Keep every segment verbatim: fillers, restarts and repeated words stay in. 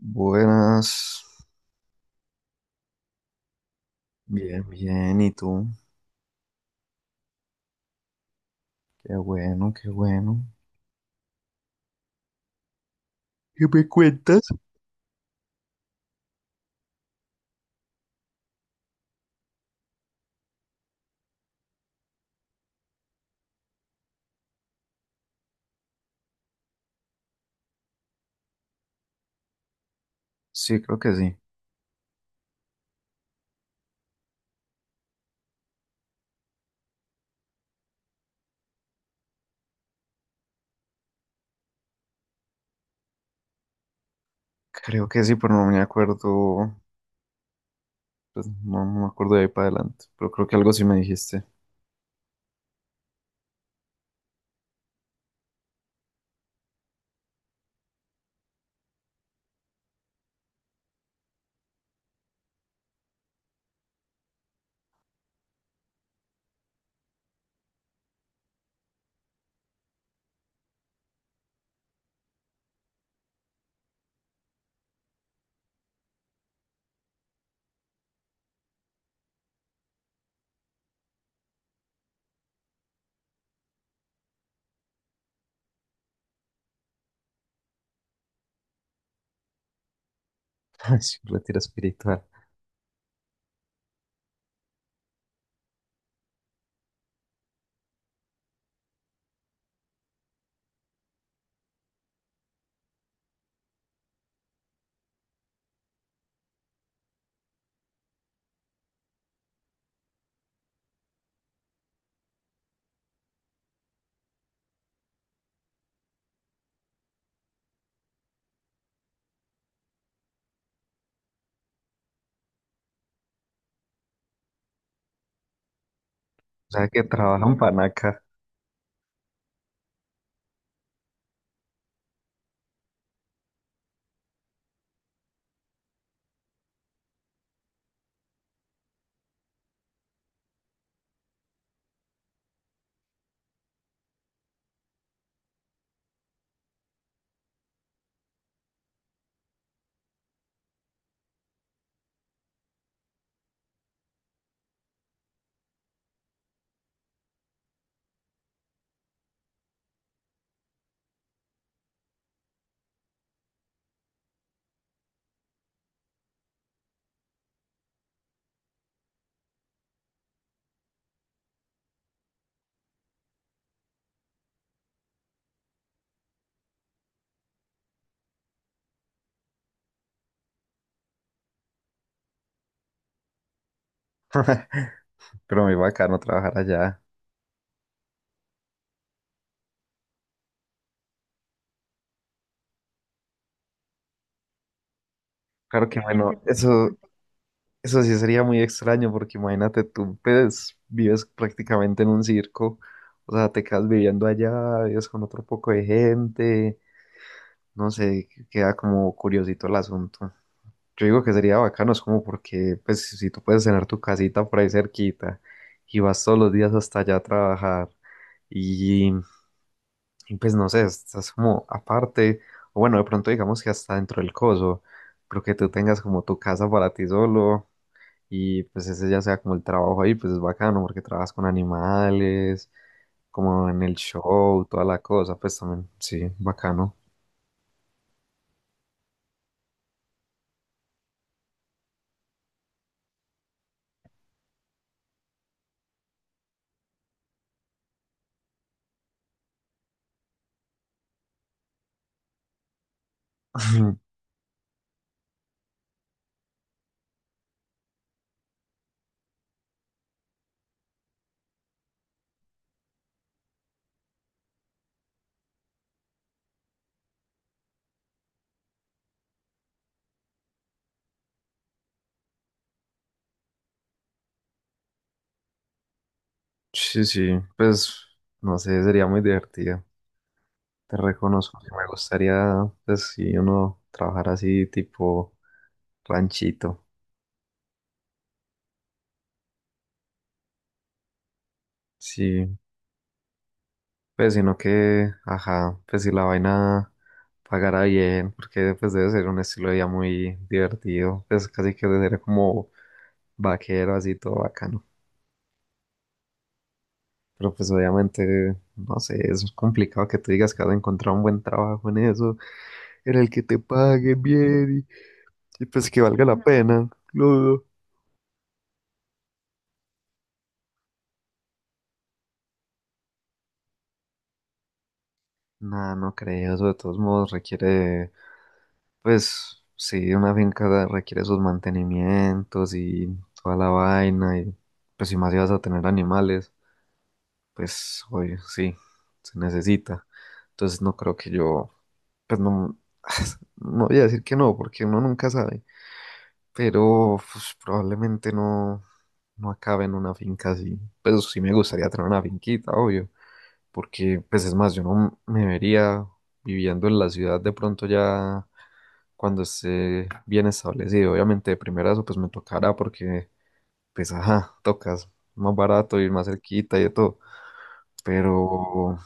Buenas, bien, bien, ¿y tú? Qué bueno, qué bueno. ¿Qué me cuentas? Sí, creo que sí. Creo que sí, pero no me acuerdo, pues no, no me acuerdo de ahí para adelante, pero creo que algo sí me dijiste. Ay, sí, un retiro espiritual. O sea, que trabajan panaca. Pero muy bacano trabajar allá. Claro que bueno, eso, eso sí sería muy extraño porque imagínate tú, pues vives prácticamente en un circo, o sea, te quedas viviendo allá, vives con otro poco de gente. No sé, queda como curiosito el asunto. Yo digo que sería bacano, es como porque, pues, si tú puedes tener tu casita por ahí cerquita y vas todos los días hasta allá a trabajar y, y, pues, no sé, estás como aparte, o bueno, de pronto digamos que hasta dentro del coso, pero que tú tengas como tu casa para ti solo y pues ese ya sea como el trabajo ahí, pues es bacano porque trabajas con animales, como en el show, toda la cosa, pues también, sí, bacano. Sí, sí, pues no sé, sería muy divertido. Te reconozco que me gustaría, pues si uno trabajar así tipo ranchito. Sí, pues sino que, ajá, pues si la vaina pagara bien, porque pues debe ser un estilo de vida muy divertido, pues casi que debe ser como vaquero así todo bacano. Pero pues obviamente, no sé, es complicado que tú digas que vas a encontrar un buen trabajo en eso, en el que te pague bien y y, pues que valga la No. pena, claro. No, no creo, eso de todos modos requiere, pues sí, una finca da- requiere sus mantenimientos y toda la vaina, y pues si más ibas a tener animales, pues obvio, sí, se necesita. Entonces no creo que yo, pues no, no voy a decir que no, porque uno nunca sabe, pero pues, probablemente no, no acabe en una finca así. Pues sí me gustaría tener una finquita, obvio, porque pues es más, yo no me vería viviendo en la ciudad de pronto ya cuando esté bien establecido. Obviamente de primera eso pues me tocará porque pues ajá, tocas más barato y más cerquita y de todo, pero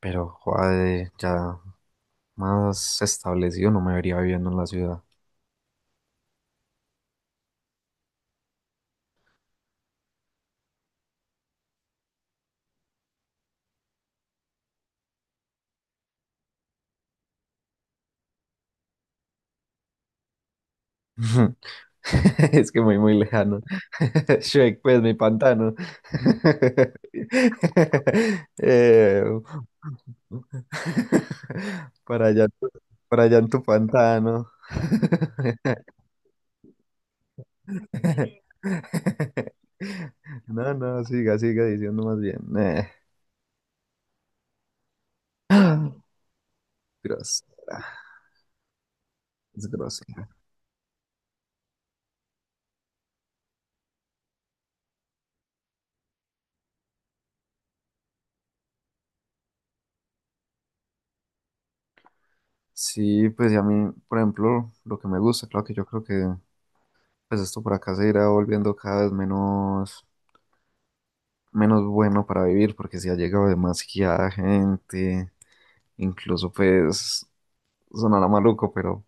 pero joder, ya más establecido no me vería viviendo en la ciudad. Es que muy, muy lejano. Shrek, pues mi pantano. Eh, para allá, en tu- para allá en tu pantano. No, no, siga, siga diciendo más bien. Eh. Ah, grosera, es grosera. Sí, pues y a mí, por ejemplo, lo que me gusta, claro que yo creo que pues esto por acá se irá volviendo cada vez menos. Menos bueno para vivir porque si ha llegado demasiada gente, incluso pues sonará maluco, pero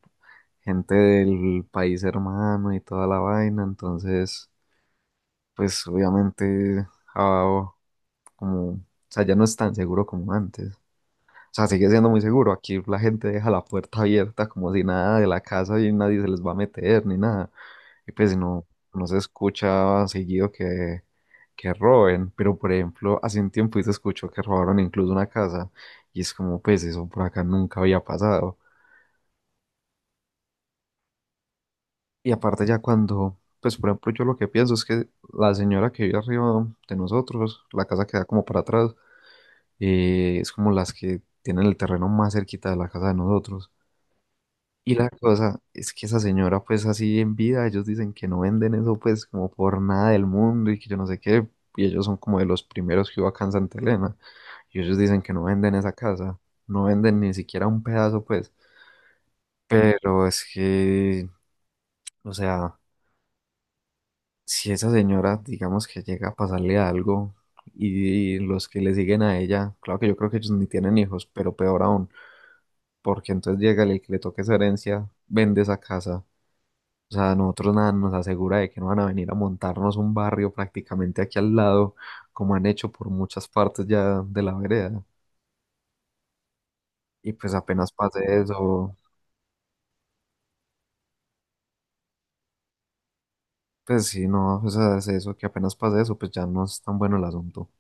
gente del país hermano y toda la vaina, entonces pues obviamente ah, como, o sea, ya no es tan seguro como antes. O sea, sigue siendo muy seguro. Aquí la gente deja la puerta abierta como si nada de la casa y nadie se les va a meter ni nada. Y pues si no, no se escucha seguido que, que roben, pero por ejemplo, hace un tiempo se escuchó que robaron incluso una casa y es como, pues eso por acá nunca había pasado. Y aparte ya cuando, pues por ejemplo, yo lo que pienso es que la señora que vive arriba de nosotros, la casa que da como para atrás, eh, es como las que tienen el terreno más cerquita de la casa de nosotros. Y la cosa es que esa señora, pues así en vida, ellos dicen que no venden eso, pues como por nada del mundo y que yo no sé qué, y ellos son como de los primeros que hubo acá en Santa Elena, y ellos dicen que no venden esa casa, no venden ni siquiera un pedazo, pues, pero es que, o sea, si esa señora, digamos que llega a pasarle algo y, los que le siguen a ella, claro que yo creo que ellos ni tienen hijos, pero peor aún, porque entonces llega el que le toque esa herencia, vende esa casa. O sea, nosotros nada nos asegura de que no van a venir a montarnos un barrio prácticamente aquí al lado, como han hecho por muchas partes ya de la vereda. Y pues apenas pase eso, pues sí, no, o sea, es eso, que apenas pase eso, pues ya no es tan bueno el asunto.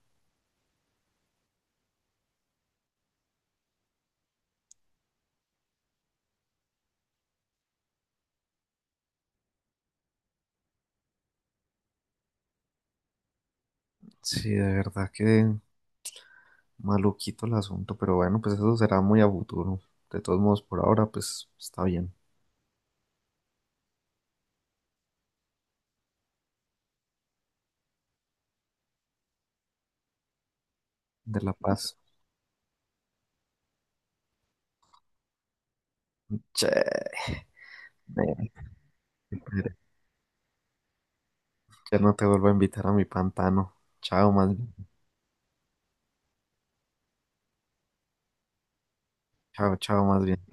Sí, de verdad que maluquito el asunto, pero bueno, pues eso será muy a futuro. De todos modos, por ahora, pues está bien. De la paz. Che, eh, ya no te vuelvo a invitar a mi pantano. Chao, más bien. Chao, chao, más bien.